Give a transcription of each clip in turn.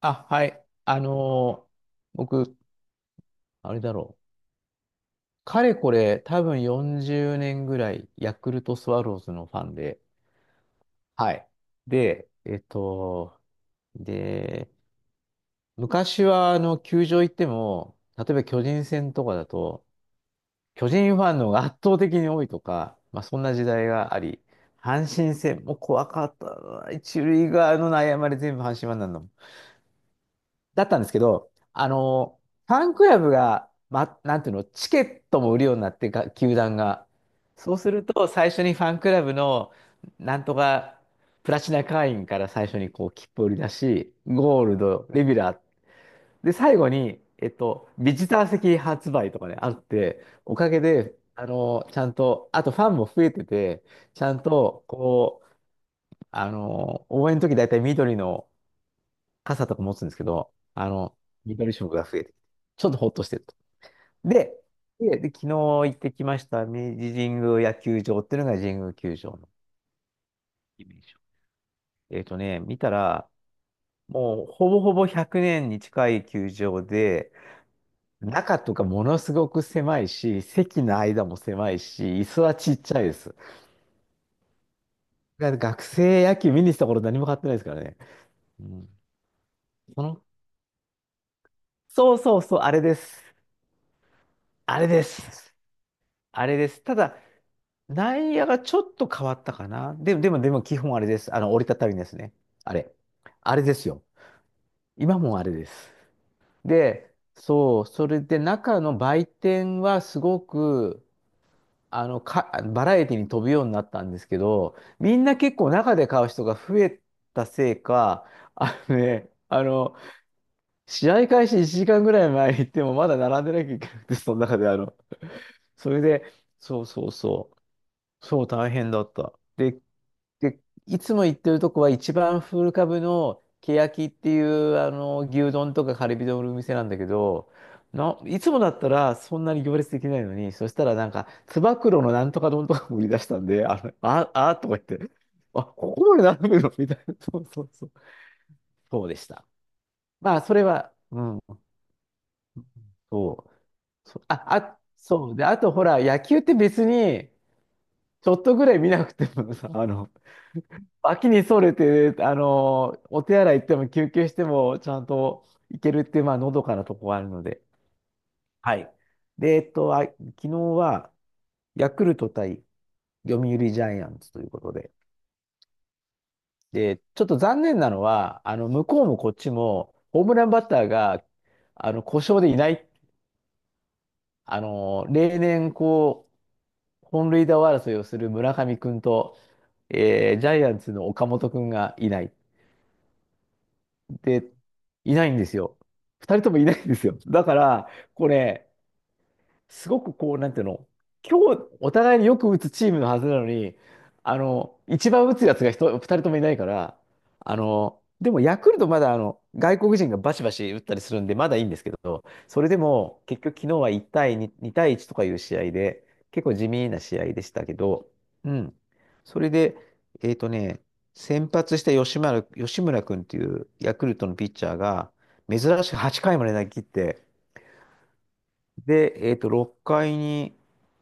あ、はい。僕、あれだろう。かれこれ、多分40年ぐらい、ヤクルトスワローズのファンで。はい。で、で、昔は、球場行っても、例えば巨人戦とかだと、巨人ファンの方が圧倒的に多いとか、まあ、そんな時代があり、阪神戦も怖かったな。一塁側の悩まれ全部阪神ファンなんだもん。だったんですけど、ファンクラブが、ま、なんていうの、チケットも売るようになってか、球団が。そうすると、最初にファンクラブの、なんとか、プラチナ会員から最初にこう、切符を売り出し、ゴールド、レギュラー。で、最後に、ビジター席発売とかね、あって、おかげで、ちゃんと、あとファンも増えてて、ちゃんと、こう、応援の時大体緑の、傘とか持つんですけど、緑色が増えてきて、ちょっとほっとしてると。で、で昨日行ってきました明治神宮野球場っていうのが神宮球場のイメージ。見たら、もうほぼほぼ100年に近い球場で、中とかものすごく狭いし、席の間も狭いし、椅子はちっちゃいです。だから学生野球見に来た頃何も買ってないですからね。うん、その、そうそうそう、あれです。あれです。あれです。ただ、内野がちょっと変わったかな。でも基本あれです。折りたたみですね。あれ。あれですよ。今もあれです。で、そう、それで中の売店はすごく、バラエティに飛ぶようになったんですけど、みんな結構中で買う人が増えたせいか、あのね、あの、試合開始1時間ぐらい前に行ってもまだ並んでなきゃいけなくて、その中でそれで、そうそうそう、そう大変だった。で、いつも行ってるとこは一番古株のけやきっていうあの牛丼とかカルビ丼のお店なんだけど、いつもだったらそんなに行列できないのに、そしたらなんか、つば九郎のなんとか丼とかも売り出したんで、あとか言って、あ、ここまで並ぶのみたいな。そうそうそう。そうでした。まあ、それは、うん、そう。あ、そう。で、あとほら、野球って別に、ちょっとぐらい見なくてもさ、脇にそれて、お手洗い行っても休憩してもちゃんと行けるっていう、まあ、のどかなとこがあるので。はい。で、あ、昨日は、ヤクルト対読売ジャイアンツということで。で、ちょっと残念なのは、向こうもこっちも、ホームランバッターが、故障でいない、例年、こう、本塁打王争いをする村上君と、ジャイアンツの岡本君がいない。で、いないんですよ。二人ともいないんですよ。だから、これ、すごくこう、なんていうの、今日お互いによく打つチームのはずなのに、一番打つやつが一人、二人ともいないから、でもヤクルトまだ外国人がバシバシ打ったりするんで、まだいいんですけど、それでも結局昨日は1対2、2対1とかいう試合で、結構地味な試合でしたけど、うん。それで、えっとね、先発した吉村君っていうヤクルトのピッチャーが、珍しく8回まで投げ切って、で、6回に、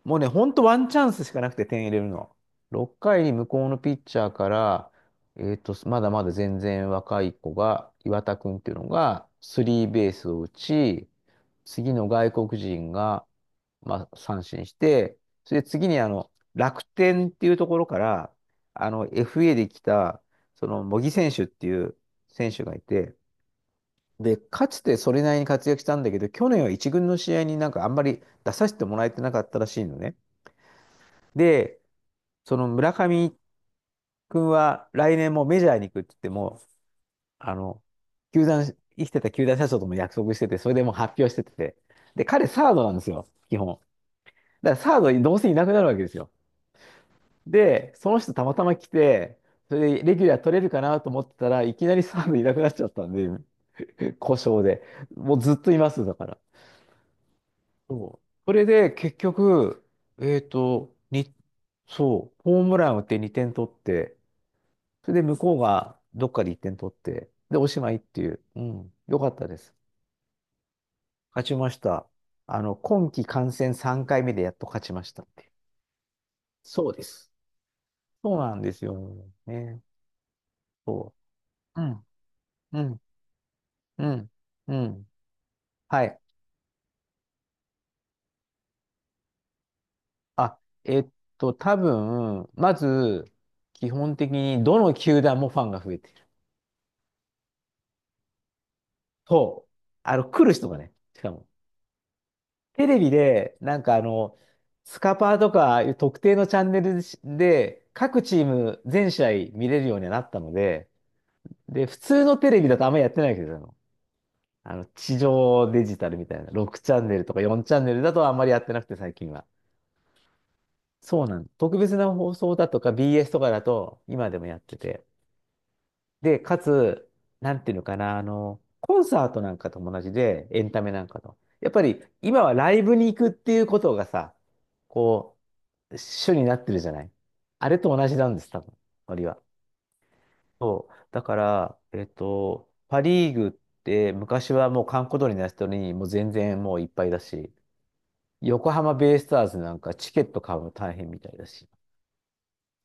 もうね、ほんとワンチャンスしかなくて点入れるの。6回に向こうのピッチャーから、まだまだ全然若い子が、岩田君っていうのが、スリーベースを打ち、次の外国人が、まあ、三振して、それで次に楽天っていうところから、FA で来た、その、茂木選手っていう選手がいて、で、かつてそれなりに活躍したんだけど、去年は一軍の試合になんかあんまり出させてもらえてなかったらしいのね。で、その村上君は来年もメジャーに行くって言っても、あの、球団、生きてた球団社長とも約束してて、それでもう発表してて。で、彼サードなんですよ、基本。だからサードどうせいなくなるわけですよ。で、その人たまたま来て、それでレギュラー取れるかなと思ってたらいきなりサードいなくなっちゃったんで、故障で。もうずっといます、だから。そうそれで結局、えっと、に、そう、ホームラン打って2点取って、それで向こうがどっかで1点取って、で、おしまいっていう、うん、よかったです。勝ちました。今季観戦3回目でやっと勝ちましたっていう。そうです。そうなんですよ。ね。そう。うん、うん、うん、うん。はい。あ、えっ多分、まず、基本的にどの球団もファンが増えてる。そう。来る人がね、しかも。テレビで、なんかスカパーとかいう特定のチャンネルで、各チーム全試合見れるようになったので、で、普通のテレビだとあんまりやってないけど、あの地上デジタルみたいな、6チャンネルとか4チャンネルだとあんまりやってなくて、最近は。そうなん。特別な放送だとか BS とかだと、今でもやってて。で、かつ、なんていうのかな、コンサートなんかとも同じで、エンタメなんかと。やっぱり、今はライブに行くっていうことがさ、こう、主になってるじゃない。あれと同じなんです、多分、ノは。そう。だから、パ・リーグって昔はもう閑古鳥にな人にもう全然もういっぱいだし、横浜ベイスターズなんかチケット買うの大変みたいだし、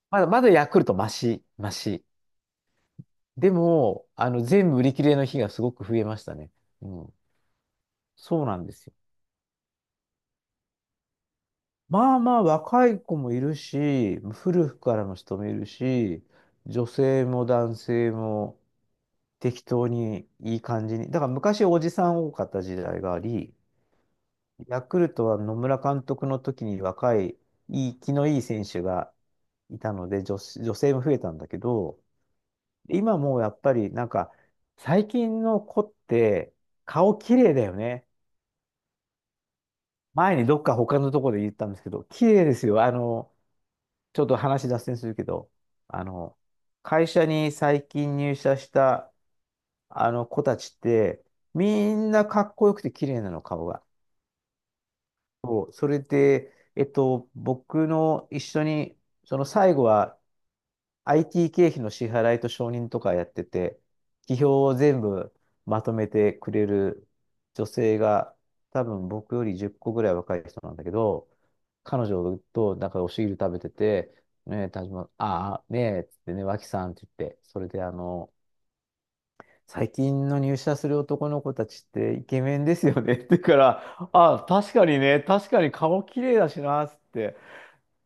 まだまだヤクルトマシ、マシ。でも、全部売り切れの日がすごく増えましたね。うんそうなんですよ。まあまあ若い子もいるし、古くからの人もいるし、女性も男性も適当にいい感じに。だから昔おじさん多かった時代があり、ヤクルトは野村監督の時に若い、いい、気のいい選手がいたので、女子、女性も増えたんだけど、今もうやっぱりなんか最近の子って顔綺麗だよね。前にどっか他のところで言ったんですけど、綺麗ですよ。ちょっと話脱線するけど、あの、会社に最近入社したあの子たちって、みんなかっこよくて綺麗なの、顔が。そう、それで、僕の一緒に、その最後は IT 経費の支払いと承認とかやってて、企業を全部まとめてくれる女性が、多分僕より10個ぐらい若い人なんだけど、彼女となんかお汁食べてて、ねえ、田島、ああ、ねえ、つってね、脇さんって言って、それで最近の入社する男の子たちってイケメンですよねって言うから、あ、確かにね、確かに顔綺麗だしな、つって。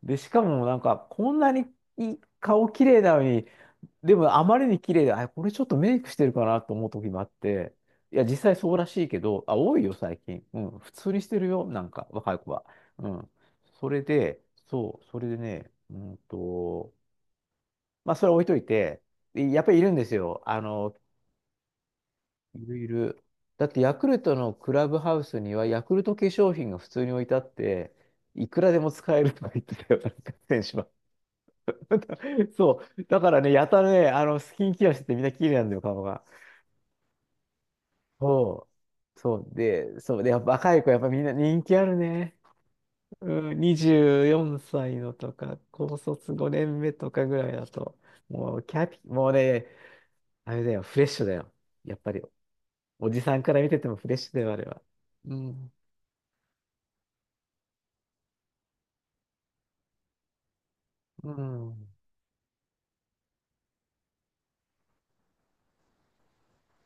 で、しかもなんか、こんなにいい顔綺麗なのに、でもあまりに綺麗で、あ、これちょっとメイクしてるかなと思う時もあって、いや、実際そうらしいけど、あ、多いよ、最近。うん、普通にしてるよ、なんか、若い子は。うん。それで、そう、それでね、まあ、それは置いといて、いやっぱりいるんですよ。いるいる。だって、ヤクルトのクラブハウスには、ヤクルト化粧品が普通に置いてあって、いくらでも使えるとか言ってたよ、なんか選手は。そう。だからね、やたらね、スキンケアしててみんな綺麗なんだよ、顔が。そう。そうで、やっぱ若い子、やっぱみんな人気あるね。うん、24歳のとか、高卒5年目とかぐらいだと、もうキャピ、もうね、あれだよ、フレッシュだよ。やっぱり、おじさんから見ててもフレッシュだよ、あれは。うん、うん、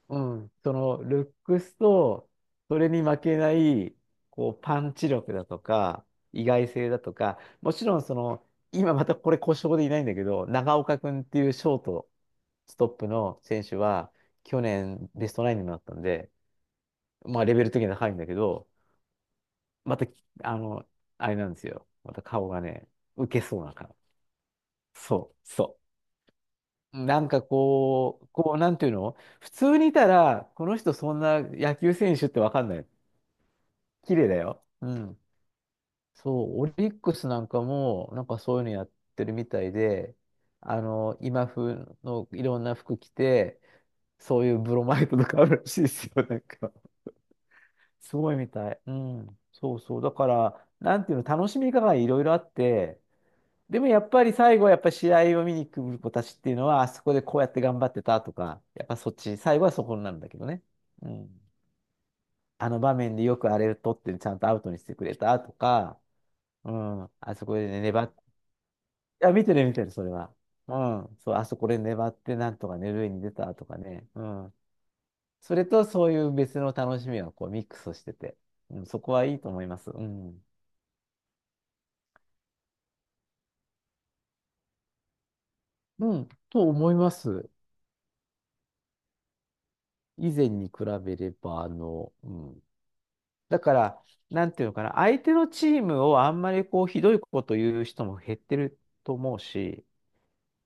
うん。その、ルックスと、それに負けない、こう、パンチ力だとか、意外性だとか、もちろん、その、今またこれ故障でいないんだけど、長岡くんっていうショート、ストップの選手は、去年ベストナインにもなったんで、まあレベル的には高いんだけど、また、あの、あれなんですよ。また顔がね、受けそうな顔。そう、そう。なんかこう、なんていうの普通にいたら、この人そんな野球選手ってわかんない。綺麗だよ。うん。そう、オリックスなんかも、なんかそういうのやってるみたいで、今風のいろんな服着て、そういうブロマイドとかあるらしいですよ、なんか。すごいみたい。うん。そうそう。だから、なんていうの、楽しみ方がいろいろあって、でもやっぱり最後はやっぱり試合を見に来る子たちっていうのは、あそこでこうやって頑張ってたとか、やっぱそっち、最後はそこになるんだけどね。うん。あの場面でよくあれを取ってちゃんとアウトにしてくれたとか、うん。あそこでね、粘って、いや、見てる見てる、それは。うん。そう、あそこで粘ってなんとかね、塁に出たとかね。うん。それとそういう別の楽しみがこうミックスしてて、うん、そこはいいと思います。うん。うん、と思います。以前に比べれば、うん。だから、なんていうのかな、相手のチームをあんまりこう、ひどいこと言う人も減ってると思うし、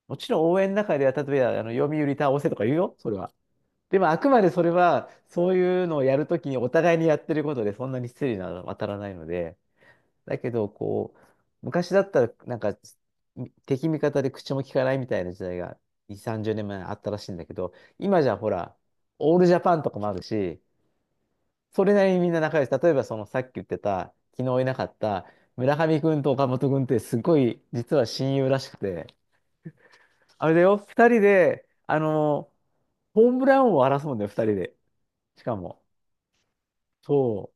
もちろん応援の中では、例えば、読売倒せとか言うよ、それは。でも、あくまでそれは、そういうのをやるときにお互いにやってることで、そんなに失礼なのは当たらないので、だけど、こう、昔だったら、なんか、敵味方で口も聞かないみたいな時代が2、30年前あったらしいんだけど、今じゃほら、オールジャパンとかもあるし、それなりにみんな仲良し。例えば、そのさっき言ってた、昨日いなかった村上君と岡本君ってすごい、実は親友らしくて、あれだよ、2人で、ホームラン王を争うんだよ、2人で。しかも。そう。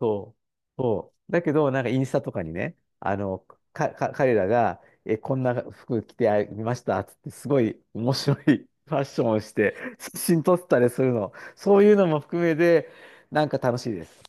そう。そう。だけど、なんかインスタとかにね、彼らが、こんな服着てみましたっつって、すごい面白い ファッションをして、写真撮ったりするの。そういうのも含めて、なんか楽しいです。